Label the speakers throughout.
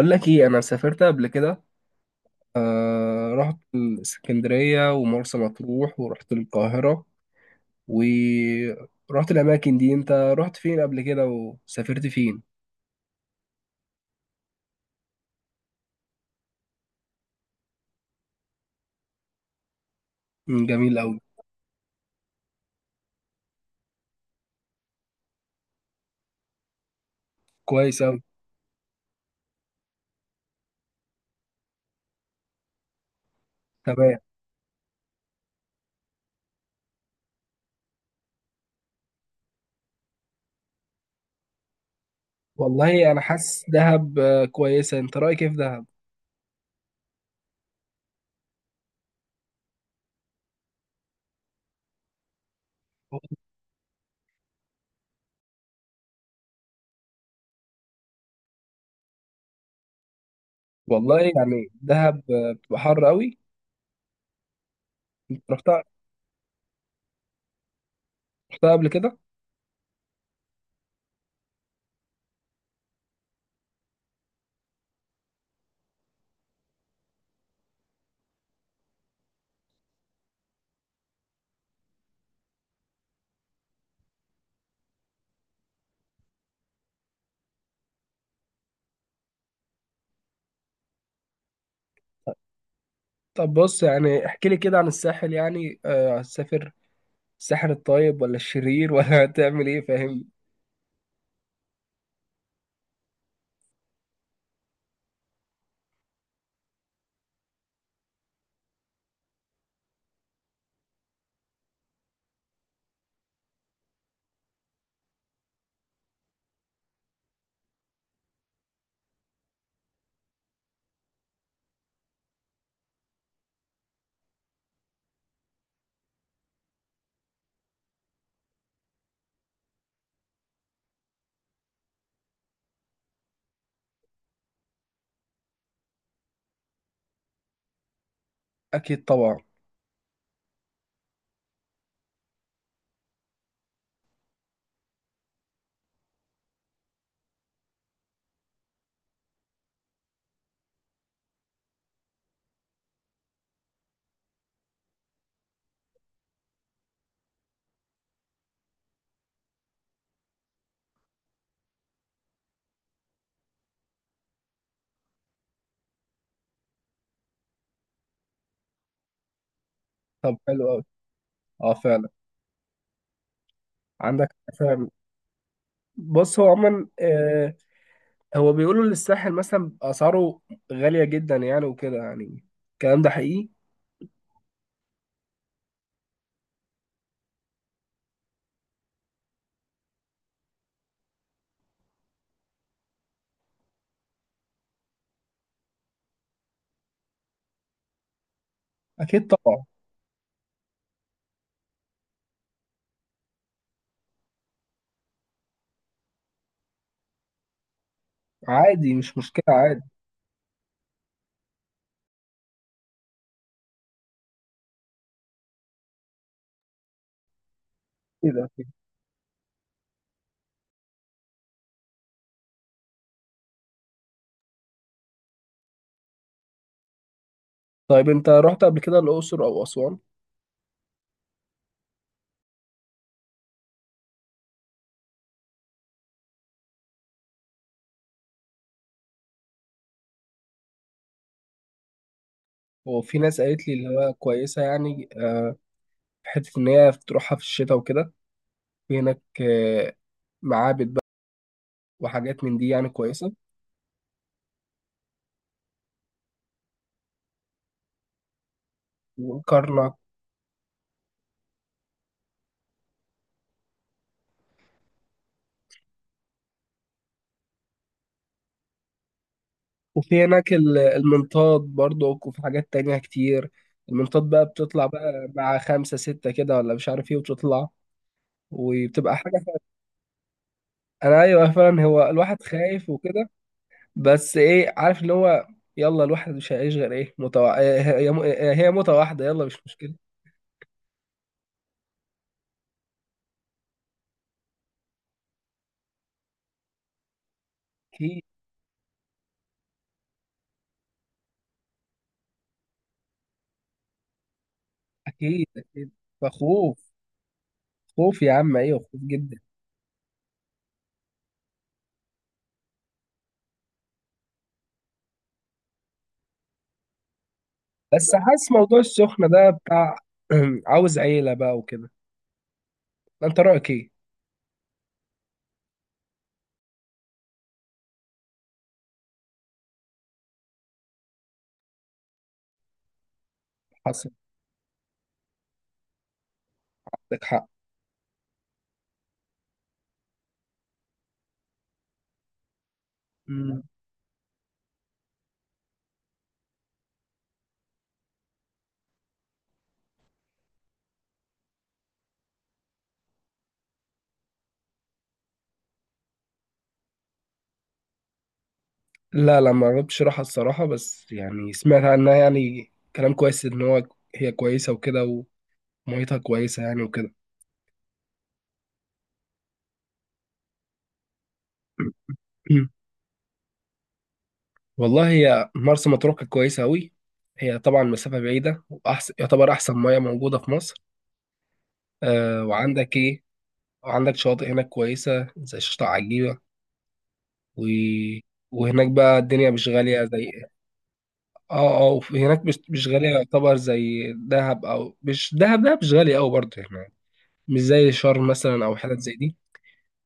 Speaker 1: أقول لك إيه، أنا سافرت قبل كده. رحت الإسكندرية ومرسى مطروح ورحت القاهرة ورحت الأماكن دي. أنت رحت فين قبل كده وسافرت فين؟ جميل أوي. كويس أوي. تمام. والله أنا حاسس دهب كويسة. أنت رأيك إيه في دهب؟ والله يعني دهب بتبقى حر أوي. أنت رحتها، قبل كده؟ طب بص، يعني احكي لي كده عن الساحل، يعني هتسافر الساحل الطيب ولا الشرير ولا هتعمل إيه، فاهم؟ أكيد طبعا. طب حلو قوي. اه فعلا. عندك فعلا. بص، هو عموما هو بيقولوا إن الساحل مثلا اسعاره غاليه جدا يعني، وكده يعني، الكلام ده حقيقي؟ اكيد طبعا. عادي، مش مشكله، عادي. كده. طيب انت رحت قبل كده الاقصر او اسوان؟ وفي ناس قالت لي اللي هو كويسه يعني. في حته ان هي تروحها في الشتاء وكده. في هناك معابد بقى وحاجات من دي يعني كويسه. وكرنك. وفي هناك المنطاد برضك، وفي حاجات تانية كتير. المنطاد بقى بتطلع بقى مع خمسة ستة كده ولا مش عارف ايه وتطلع وبتبقى حاجة فعلا. انا ايوه فعلا، هو الواحد خايف وكده. بس ايه، عارف اللي هو، يلا الواحد مش هيعيش غير ايه هي موتة واحدة، يلا مش مشكلة. اكيد اكيد اكيد. فخوف. خوف يا عم، ايوه خوف جدا. بس حاسس موضوع السخنة ده بتاع، عاوز عيلة بقى وكده. انت رأيك ايه؟ حصل. عندك حق. لا لا، ما جربتش راحة الصراحة، بس يعني سمعت عنها يعني كلام كويس إن هو هي كويسة وكده، وميتها كويسة يعني وكده. والله هي مرسى مطروح كانت كويسة أوي. هي طبعا مسافة بعيدة وأحسن، يعتبر أحسن مياه موجودة في مصر. أه، وعندك إيه؟ وعندك شواطئ هناك كويسة زي شاطئ عجيبة، و... وهناك بقى الدنيا مش غالية زي... اه اه، هناك مش غالية، يعتبر زي دهب، أو مش دهب، دهب مش غالية أوي برضه يعني، مش زي شرم مثلا أو حتت زي دي.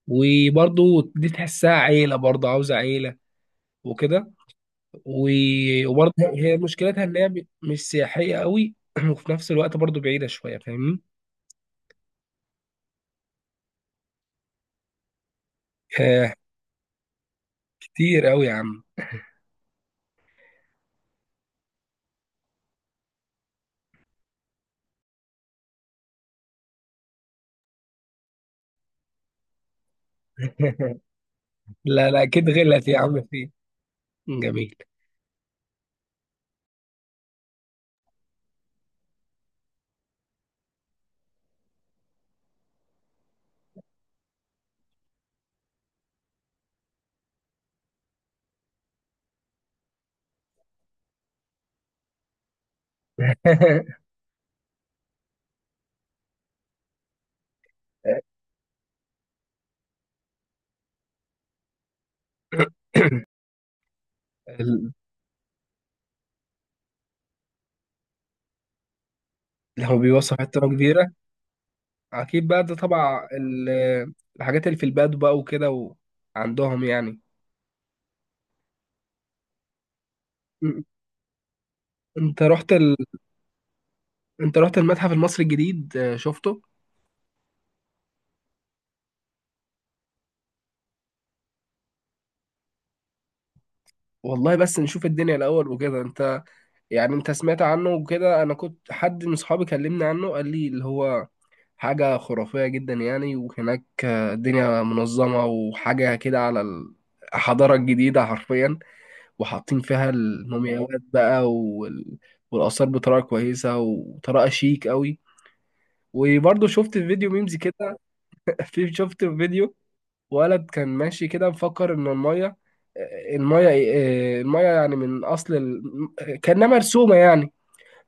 Speaker 1: وبرضه دي تحسها عيلة، برضه عاوزة عيلة وكده. وبرضه هي مشكلتها إن هي مش سياحية قوي، وفي نفس الوقت برضه بعيدة شوية، فاهمني؟ آه، كتير قوي يا عم. لا لا، أكيد غلت يا عم في. جميل. ال- لو بيوصف حتة كبيرة. أكيد بقى، ده طبعا الحاجات اللي في البلد بقى وكده، وعندهم يعني. م- أنت رحت ال... أنت رحت المتحف المصري الجديد، شفته؟ والله بس نشوف الدنيا الاول وكده، انت يعني انت سمعت عنه وكده. انا كنت، حد من صحابي كلمني عنه قال لي اللي هو حاجة خرافية جدا يعني. وهناك الدنيا منظمة وحاجة كده على الحضارة الجديدة حرفيا. وحاطين فيها المومياوات بقى والآثار بطريقة كويسة وطريقة شيك قوي. وبرضه شفت فيديو ميمز كده. في شفت فيديو ولد كان ماشي كده مفكر ان الميه، الميه الميه يعني، من اصل كانها مرسومه يعني.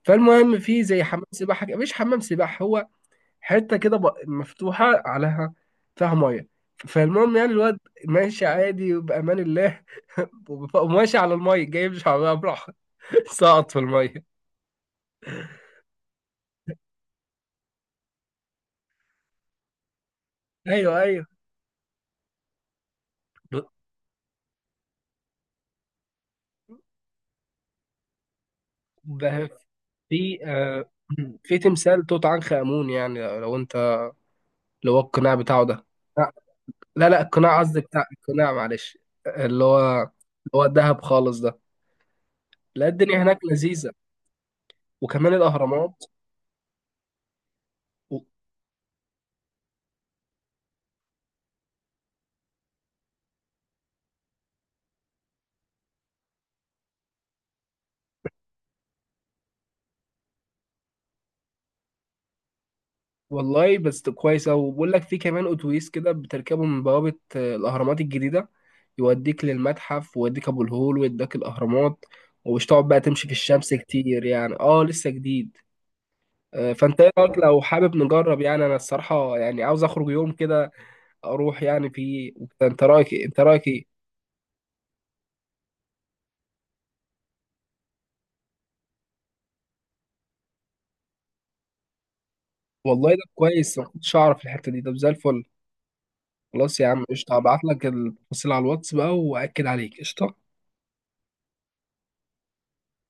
Speaker 1: فالمهم في زي حمام سباحه مش حمام سباحه، هو حته كده مفتوحه عليها فيها ميه. فالمهم يعني الواد ماشي عادي وبامان الله، وماشي على الميه جاي مش على براحه. سقط في الميه. ايوه ايوه. ب- ب- في في تمثال توت عنخ امون، يعني لو انت، لو هو القناع بتاعه ده. لا لا، القناع قصدي، بتاع القناع، معلش. اللي هو الدهب خالص ده. لا، الدنيا هناك لذيذة. وكمان الأهرامات و... والله بس كويسة، وبقول لك في كمان أتوبيس كده بتركبه من بوابة الأهرامات الجديدة، يوديك للمتحف، ويوديك أبو الهول، ويوديك الأهرامات، ومش تقعد بقى تمشي في الشمس كتير يعني. اه لسه جديد. فانت ايه رايك لو حابب نجرب؟ يعني انا الصراحه يعني عاوز اخرج يوم كده، اروح يعني فيه. انت رايك إيه؟ انت رايك ايه؟ والله ده كويس، ما كنتش اعرف الحته دي، طب زي الفل. خلاص يا عم قشطه، هبعت لك التفاصيل على الواتس بقى واكد عليك، قشطه.